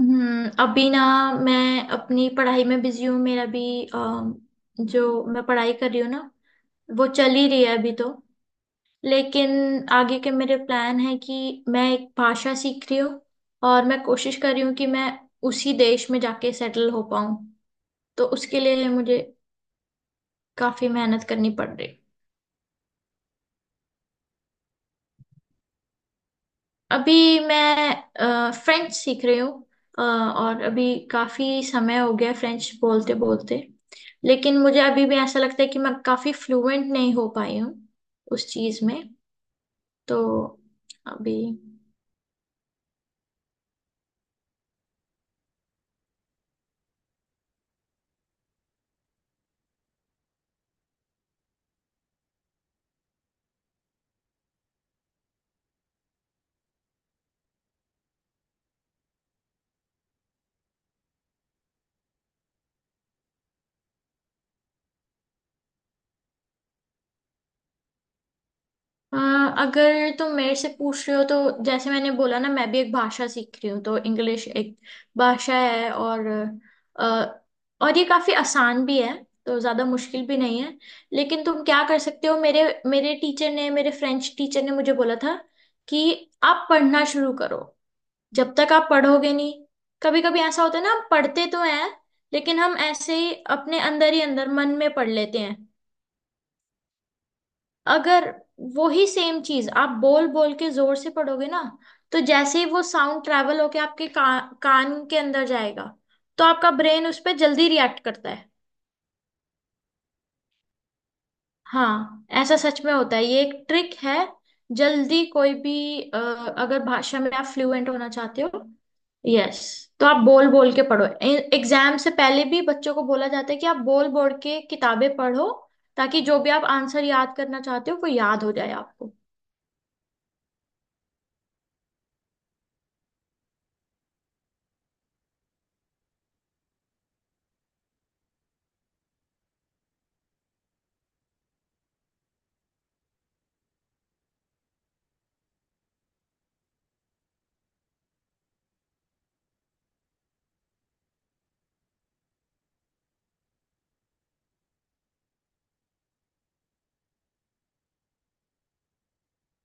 अभी ना मैं अपनी पढ़ाई में बिजी हूँ। मेरा भी अम, जो मैं पढ़ाई कर रही हूँ ना वो चल ही रही है अभी। तो लेकिन आगे के मेरे प्लान है कि मैं एक भाषा सीख रही हूँ और मैं कोशिश कर रही हूँ कि मैं उसी देश में जाके सेटल हो पाऊँ। तो उसके लिए मुझे काफी मेहनत करनी पड़ रही है। अभी मैं फ्रेंच सीख रही हूँ, और अभी काफी समय हो गया फ्रेंच बोलते बोलते। लेकिन मुझे अभी भी ऐसा लगता है कि मैं काफी फ्लुएंट नहीं हो पाई हूँ उस चीज में। तो अभी अ, अगर तुम मेरे से पूछ रहे हो तो जैसे मैंने बोला ना, मैं भी एक भाषा सीख रही हूँ, तो इंग्लिश एक भाषा है और अ, और ये काफी आसान भी है, तो ज्यादा मुश्किल भी नहीं है। लेकिन तुम क्या कर सकते हो, मेरे मेरे टीचर ने, मेरे फ्रेंच टीचर ने मुझे बोला था कि आप पढ़ना शुरू करो। जब तक आप पढ़ोगे नहीं, कभी कभी ऐसा होता है ना, हम पढ़ते तो हैं लेकिन हम ऐसे ही अपने अंदर ही अंदर मन में पढ़ लेते हैं। अगर वही सेम चीज आप बोल बोल के जोर से पढ़ोगे ना, तो जैसे ही वो साउंड ट्रैवल होके आपके कान के अंदर जाएगा, तो आपका ब्रेन उस पर जल्दी रिएक्ट करता है। हाँ, ऐसा सच में होता है, ये एक ट्रिक है जल्दी। कोई भी अगर भाषा में आप फ्लुएंट होना चाहते हो। यस, तो आप बोल बोल के पढ़ो। एग्जाम से पहले भी बच्चों को बोला जाता है कि आप बोल बोल के किताबें पढ़ो, ताकि जो भी आप आंसर याद करना चाहते हो वो याद हो जाए आपको।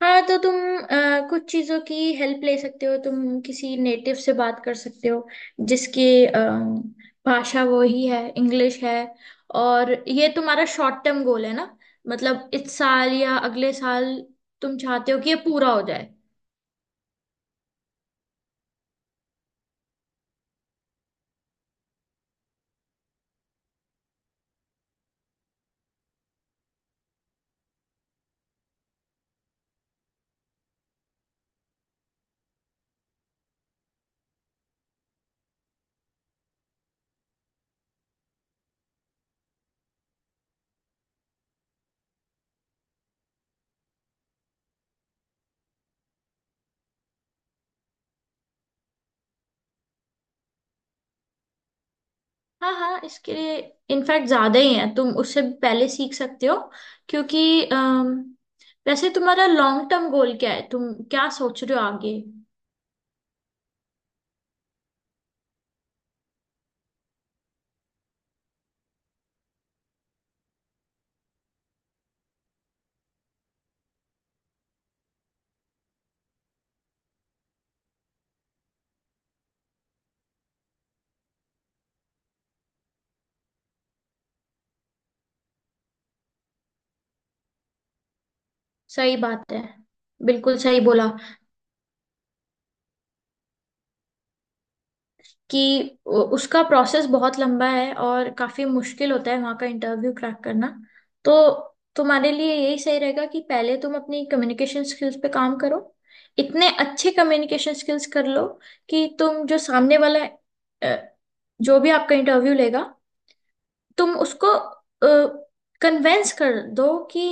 हाँ, तो तुम कुछ चीजों की हेल्प ले सकते हो। तुम किसी नेटिव से बात कर सकते हो जिसकी भाषा वो ही है, इंग्लिश है। और ये तुम्हारा शॉर्ट टर्म गोल है ना? मतलब इस साल या अगले साल तुम चाहते हो कि ये पूरा हो जाए। हाँ हाँ, इसके लिए इनफैक्ट ज्यादा ही है, तुम उससे भी पहले सीख सकते हो क्योंकि वैसे तुम्हारा लॉन्ग टर्म गोल क्या है? तुम क्या सोच रहे हो आगे? सही बात है। बिल्कुल सही बोला कि उसका प्रोसेस बहुत लंबा है और काफी मुश्किल होता है वहाँ का इंटरव्यू क्रैक करना। तो तुम्हारे लिए यही सही रहेगा कि पहले तुम अपनी कम्युनिकेशन स्किल्स पे काम करो। इतने अच्छे कम्युनिकेशन स्किल्स कर लो कि तुम, जो सामने वाला अ, जो भी आपका इंटरव्यू लेगा, तुम उसको कन्वेंस कर दो कि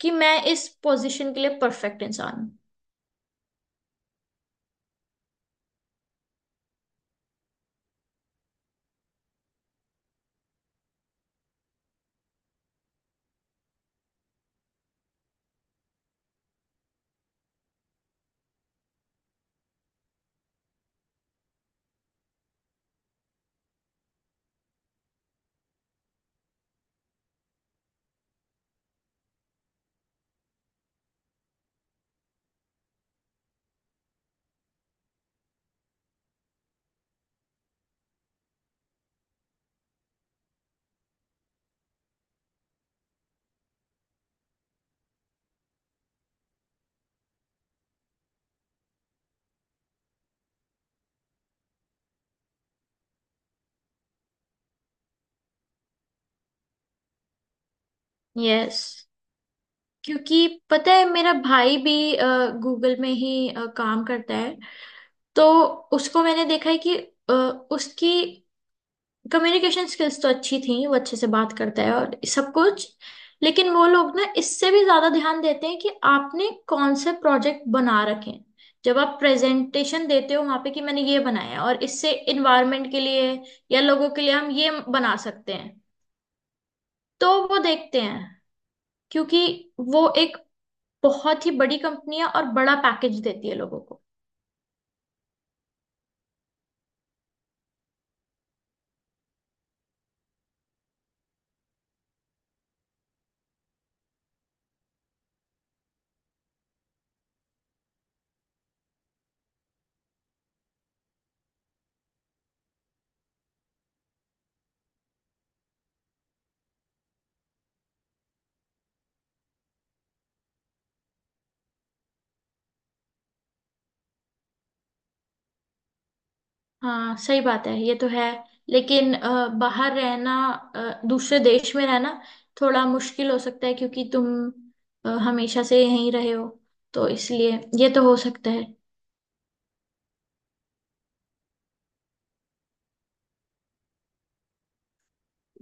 मैं इस पोजीशन के लिए परफेक्ट इंसान हूँ। यस, क्योंकि पता है मेरा भाई भी गूगल में ही काम करता है। तो उसको मैंने देखा है कि अ, उसकी कम्युनिकेशन स्किल्स तो अच्छी थी, वो अच्छे से बात करता है और सब कुछ। लेकिन वो लोग ना इससे भी ज्यादा ध्यान देते हैं कि आपने कौन से प्रोजेक्ट बना रखे हैं। जब आप प्रेजेंटेशन देते हो वहां पे कि मैंने ये बनाया है और इससे इन्वायरमेंट के लिए या लोगों के लिए हम ये बना सकते हैं, तो वो देखते हैं। क्योंकि वो एक बहुत ही बड़ी कंपनी है और बड़ा पैकेज देती है लोगों को। हाँ सही बात है, ये तो है। लेकिन बाहर रहना, दूसरे देश में रहना थोड़ा मुश्किल हो सकता है क्योंकि तुम हमेशा से यहीं रहे हो। तो इसलिए ये तो हो सकता है।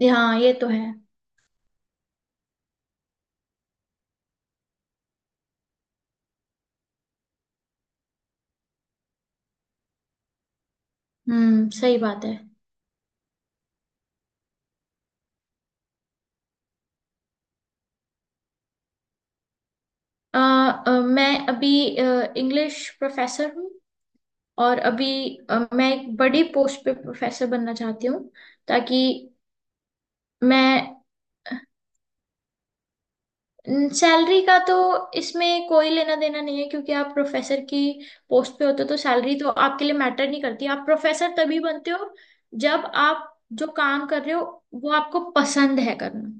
हाँ, ये तो है। हम्म, सही बात है। अ, अ, मैं अभी इंग्लिश प्रोफेसर हूँ और अभी मैं एक बड़ी पोस्ट पे प्रोफेसर बनना चाहती हूँ ताकि मैं। सैलरी का तो इसमें कोई लेना देना नहीं है क्योंकि आप प्रोफेसर की पोस्ट पे होते हो तो सैलरी तो आपके लिए मैटर नहीं करती। आप प्रोफेसर तभी बनते हो जब आप जो काम कर रहे हो वो आपको पसंद है करना।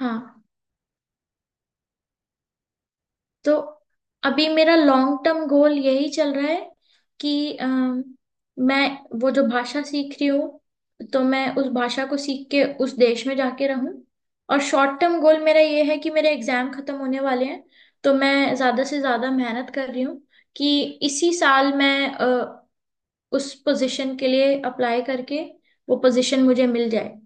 हाँ, तो अभी मेरा लॉन्ग टर्म गोल यही चल रहा है कि मैं वो जो भाषा सीख रही हूँ, तो मैं उस भाषा को सीख के उस देश में जाके रहूं। और शॉर्ट टर्म गोल मेरा ये है कि मेरे एग्जाम खत्म होने वाले हैं, तो मैं ज्यादा से ज्यादा मेहनत कर रही हूँ कि इसी साल मैं उस पोजीशन के लिए अप्लाई करके वो पोजीशन मुझे मिल जाए।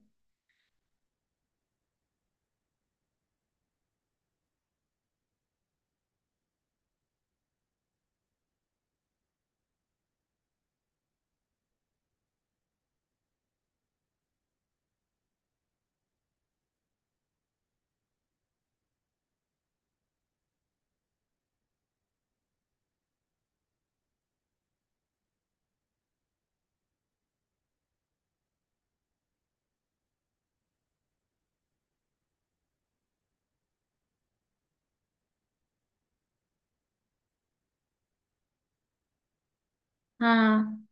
हाँ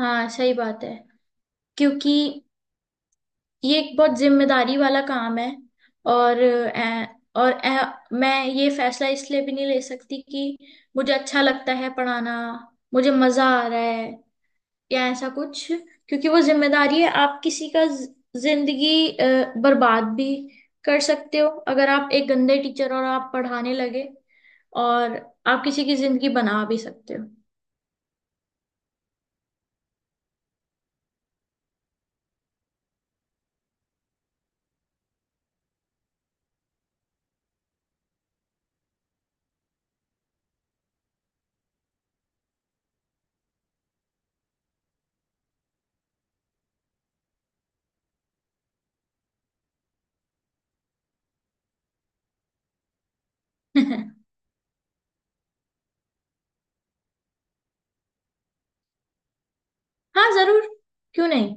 हाँ, सही बात है। क्योंकि ये एक बहुत जिम्मेदारी वाला काम है। और अ, और मैं ये फैसला इसलिए भी नहीं ले सकती कि मुझे अच्छा लगता है पढ़ाना, मुझे मजा आ रहा है या ऐसा कुछ। क्योंकि वो जिम्मेदारी है, आप किसी का जिंदगी बर्बाद भी कर सकते हो अगर आप एक गंदे टीचर और आप पढ़ाने लगे। और आप किसी की जिंदगी बना भी सकते हो। हाँ जरूर, क्यों नहीं।